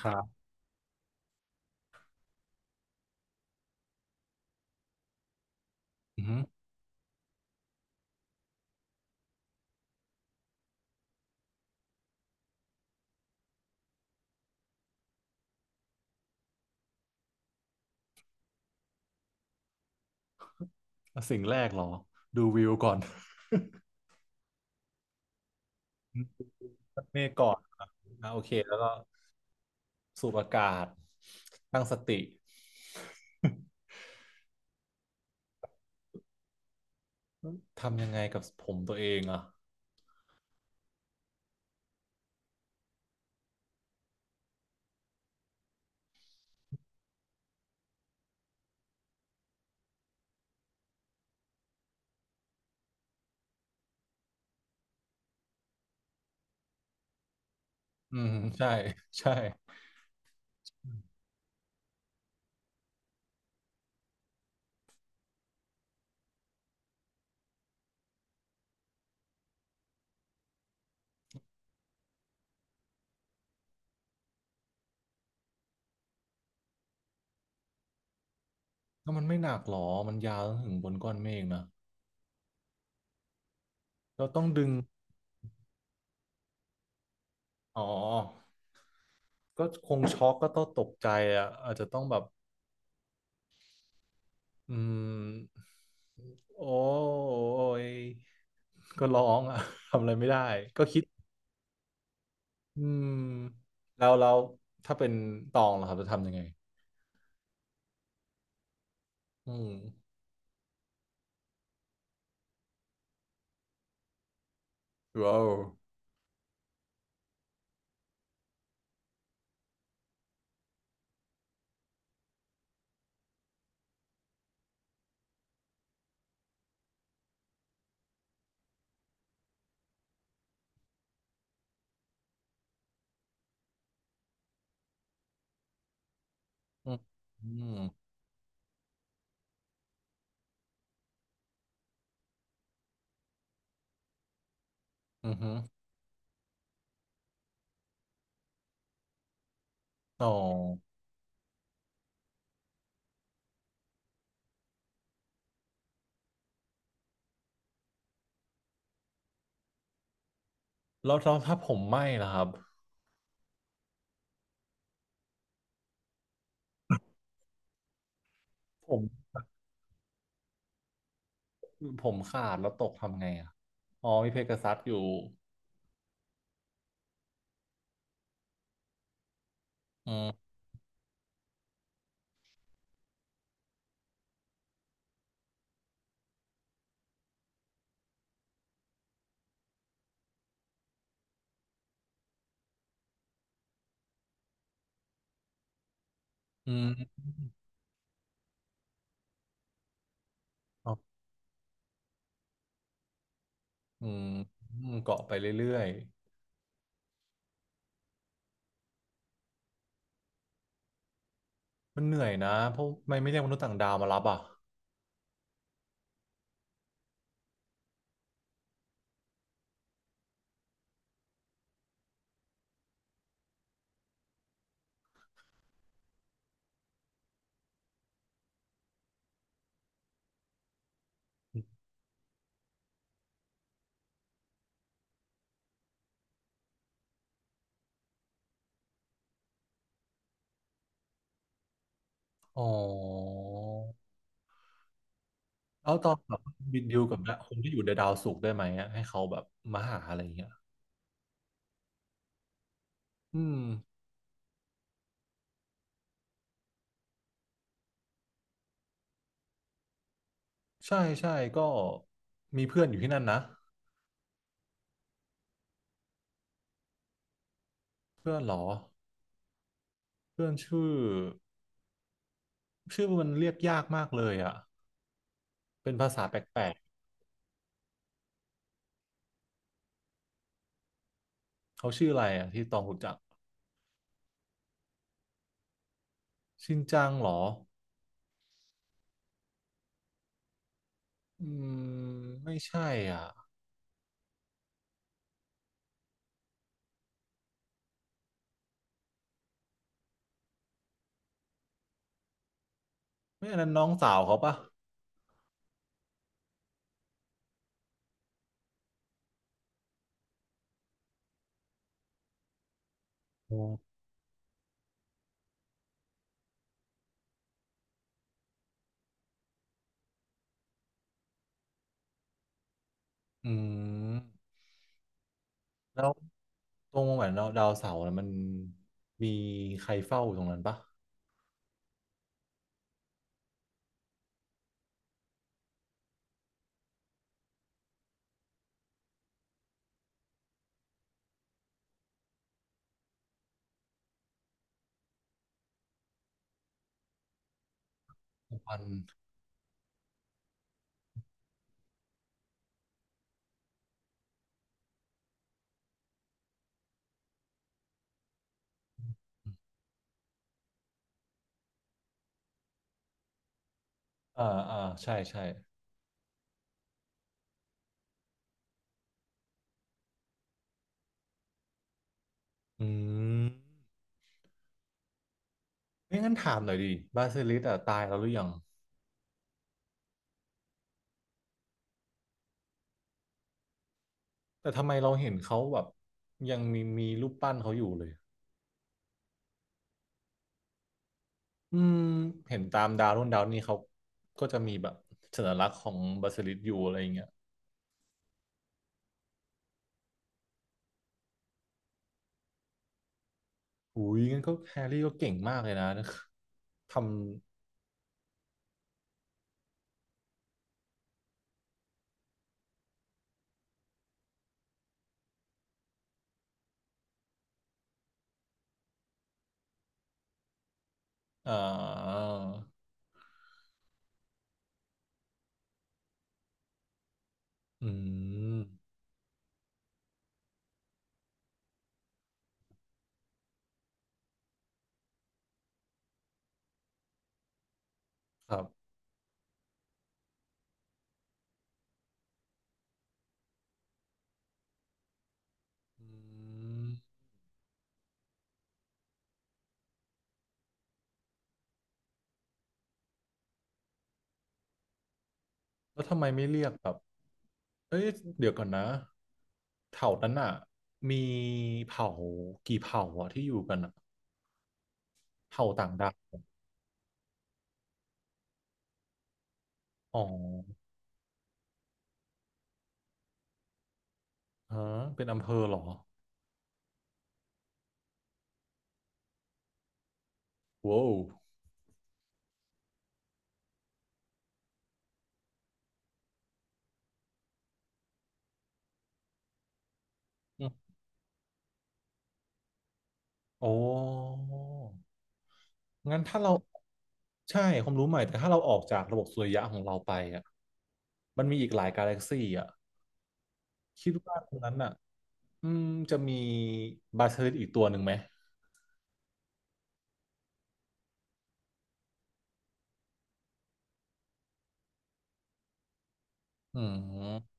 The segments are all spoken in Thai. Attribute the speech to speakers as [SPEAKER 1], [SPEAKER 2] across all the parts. [SPEAKER 1] ครับอือฮึสิ่งแรกเหรอดูวิวก่อน ตับเมฆก่อนครับอ่ะโอเคแล้วก็สูดอากาศตั้งสติ ทำยังไงกับผมตัวเองอ่ะอืมใช่ใช่แล้วมันไม่หนักหรอมันยาวถึงบนก้อนเมฆนะเราต้องดึงอ๋อก็คงช็อกก็ต้องตกใจอ่ะอาจจะต้องแบบอืมโอ้ยก็ร้องอ่ะ ทำอะไรไม่ได้ก็คิด อืมแล้วแล้วถ้าเป็นตองล่ะครับจะทำยังไงอืมว้าวอืมอืมอือฮึอ๋อแล้วแล้วถ้าผมไหม้ล่ะครับ ผมผมขาดแล้วตกทำไงอ่ะอ๋อมีเพกาซัสอยู่อืมอืมอ๋ออืมอืมเกาะไปเรื่อยๆมันเหนื่อยนะ เพราะทำไม่ไม่เรียกมนุษย์ต่างดาวมารับอ่ะอ๋อแล้วตอนแบบบินดิวกับนะคนที่อยู่ในดาวศุกร์ได้ไหมอะให้เขาแบบมาหาอะไรอย่างเงี้ยอืม ใช่ใช่ก็มีเพื่อนอยู่ที่นั่นนะเพื่อนเหรอเพื่อนชื่อชื่อมันเรียกยากมากเลยอ่ะเป็นภาษาแปลกๆเขาชื่ออะไรอ่ะที่ตองรู้จักชินจังเหรออืมไม่ใช่อ่ะไม่อันนั้นน้องสาวเขาปะโอ้อืมแล้วตรงเหมือนเราดาวเสาร์น่ะมันมีใครเฝ้าอยู่ตรงนั้นปะวันอ่าอ่าใช่ใช่อืมไม่งั้นถามหน่อยดิบาซิลิสอ่ะตายแล้วหรือยัง แต่ทำไมเราเห็นเขาแบบยังมีรูปปั้นเขาอยู่เลยอืมเห็นตามดาวนู่นดาวนี่เขาก็จะมีแบบสัญลักษณ์ของบาสิลิสอยู่อะไรอย่างเงี้ยอุ้ยงั้นก็แฮร์รี่ก็เก่งมากเลยนะทำอืมครับอืมแล้วทำไมไม่เรียกแบบเอ้ยเดี๋ยวก่อนนะเผ่านั้นอ่ะมีเผ่ากี่เผ่าอ่ะที่อยู่กันอ่ะเผ่าต่างดาวอ๋อฮะเป็นอำเภอเหรอ ว้าวอืมอ๋องั้นถ้าเรา ใช่ความรู้ใหม่แต่ถ้าเราออกจากระบบสุริยะของเราไปอ่ะมันมีอีกหลายกาแล็กซี่อ่ะคิดว่าตรงนั้นอ่ะอืมจะมีบาเทอร์อีกตัวหนึ่งไหม อืม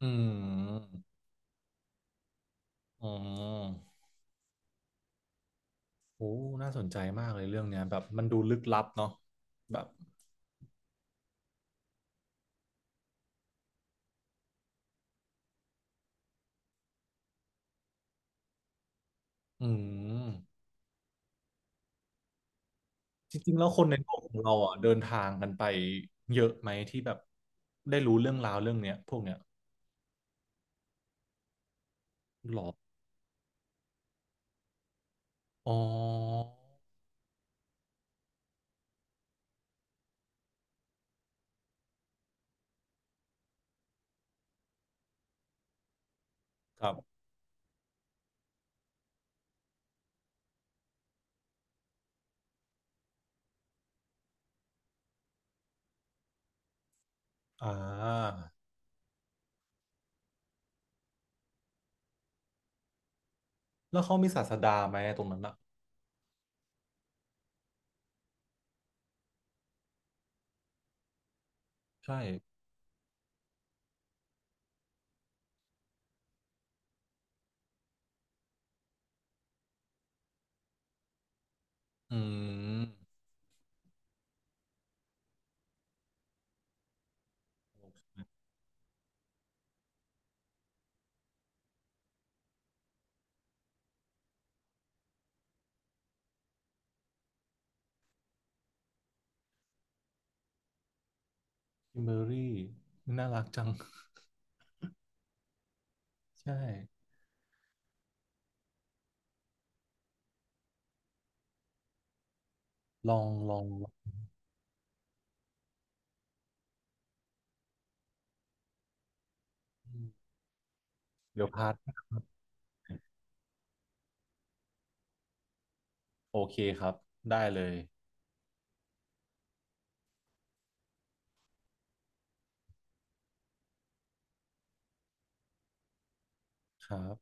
[SPEAKER 1] อืมอืมโอ้น่าสนใจมากเลยเรื่องเนี้ย แบบมันดูลึกลับเนาะแบบ อืม จริงๆแล้วคนในโลกของเราอ่ะเดินทางกันไปเยอะไหมที่แบบได้รู้เรื่องราวเรื่องเนี้ยพวกเนี้ยหรอ อ๋อครับอ่าแล้วเขามีศาสดาไหมตรงนั้นอ่ะใช่อืมคิมเบอรี่น่ารักจัง ใช่ลองลองลองเดี๋ยวพัดโอเคครับได้เลยครับ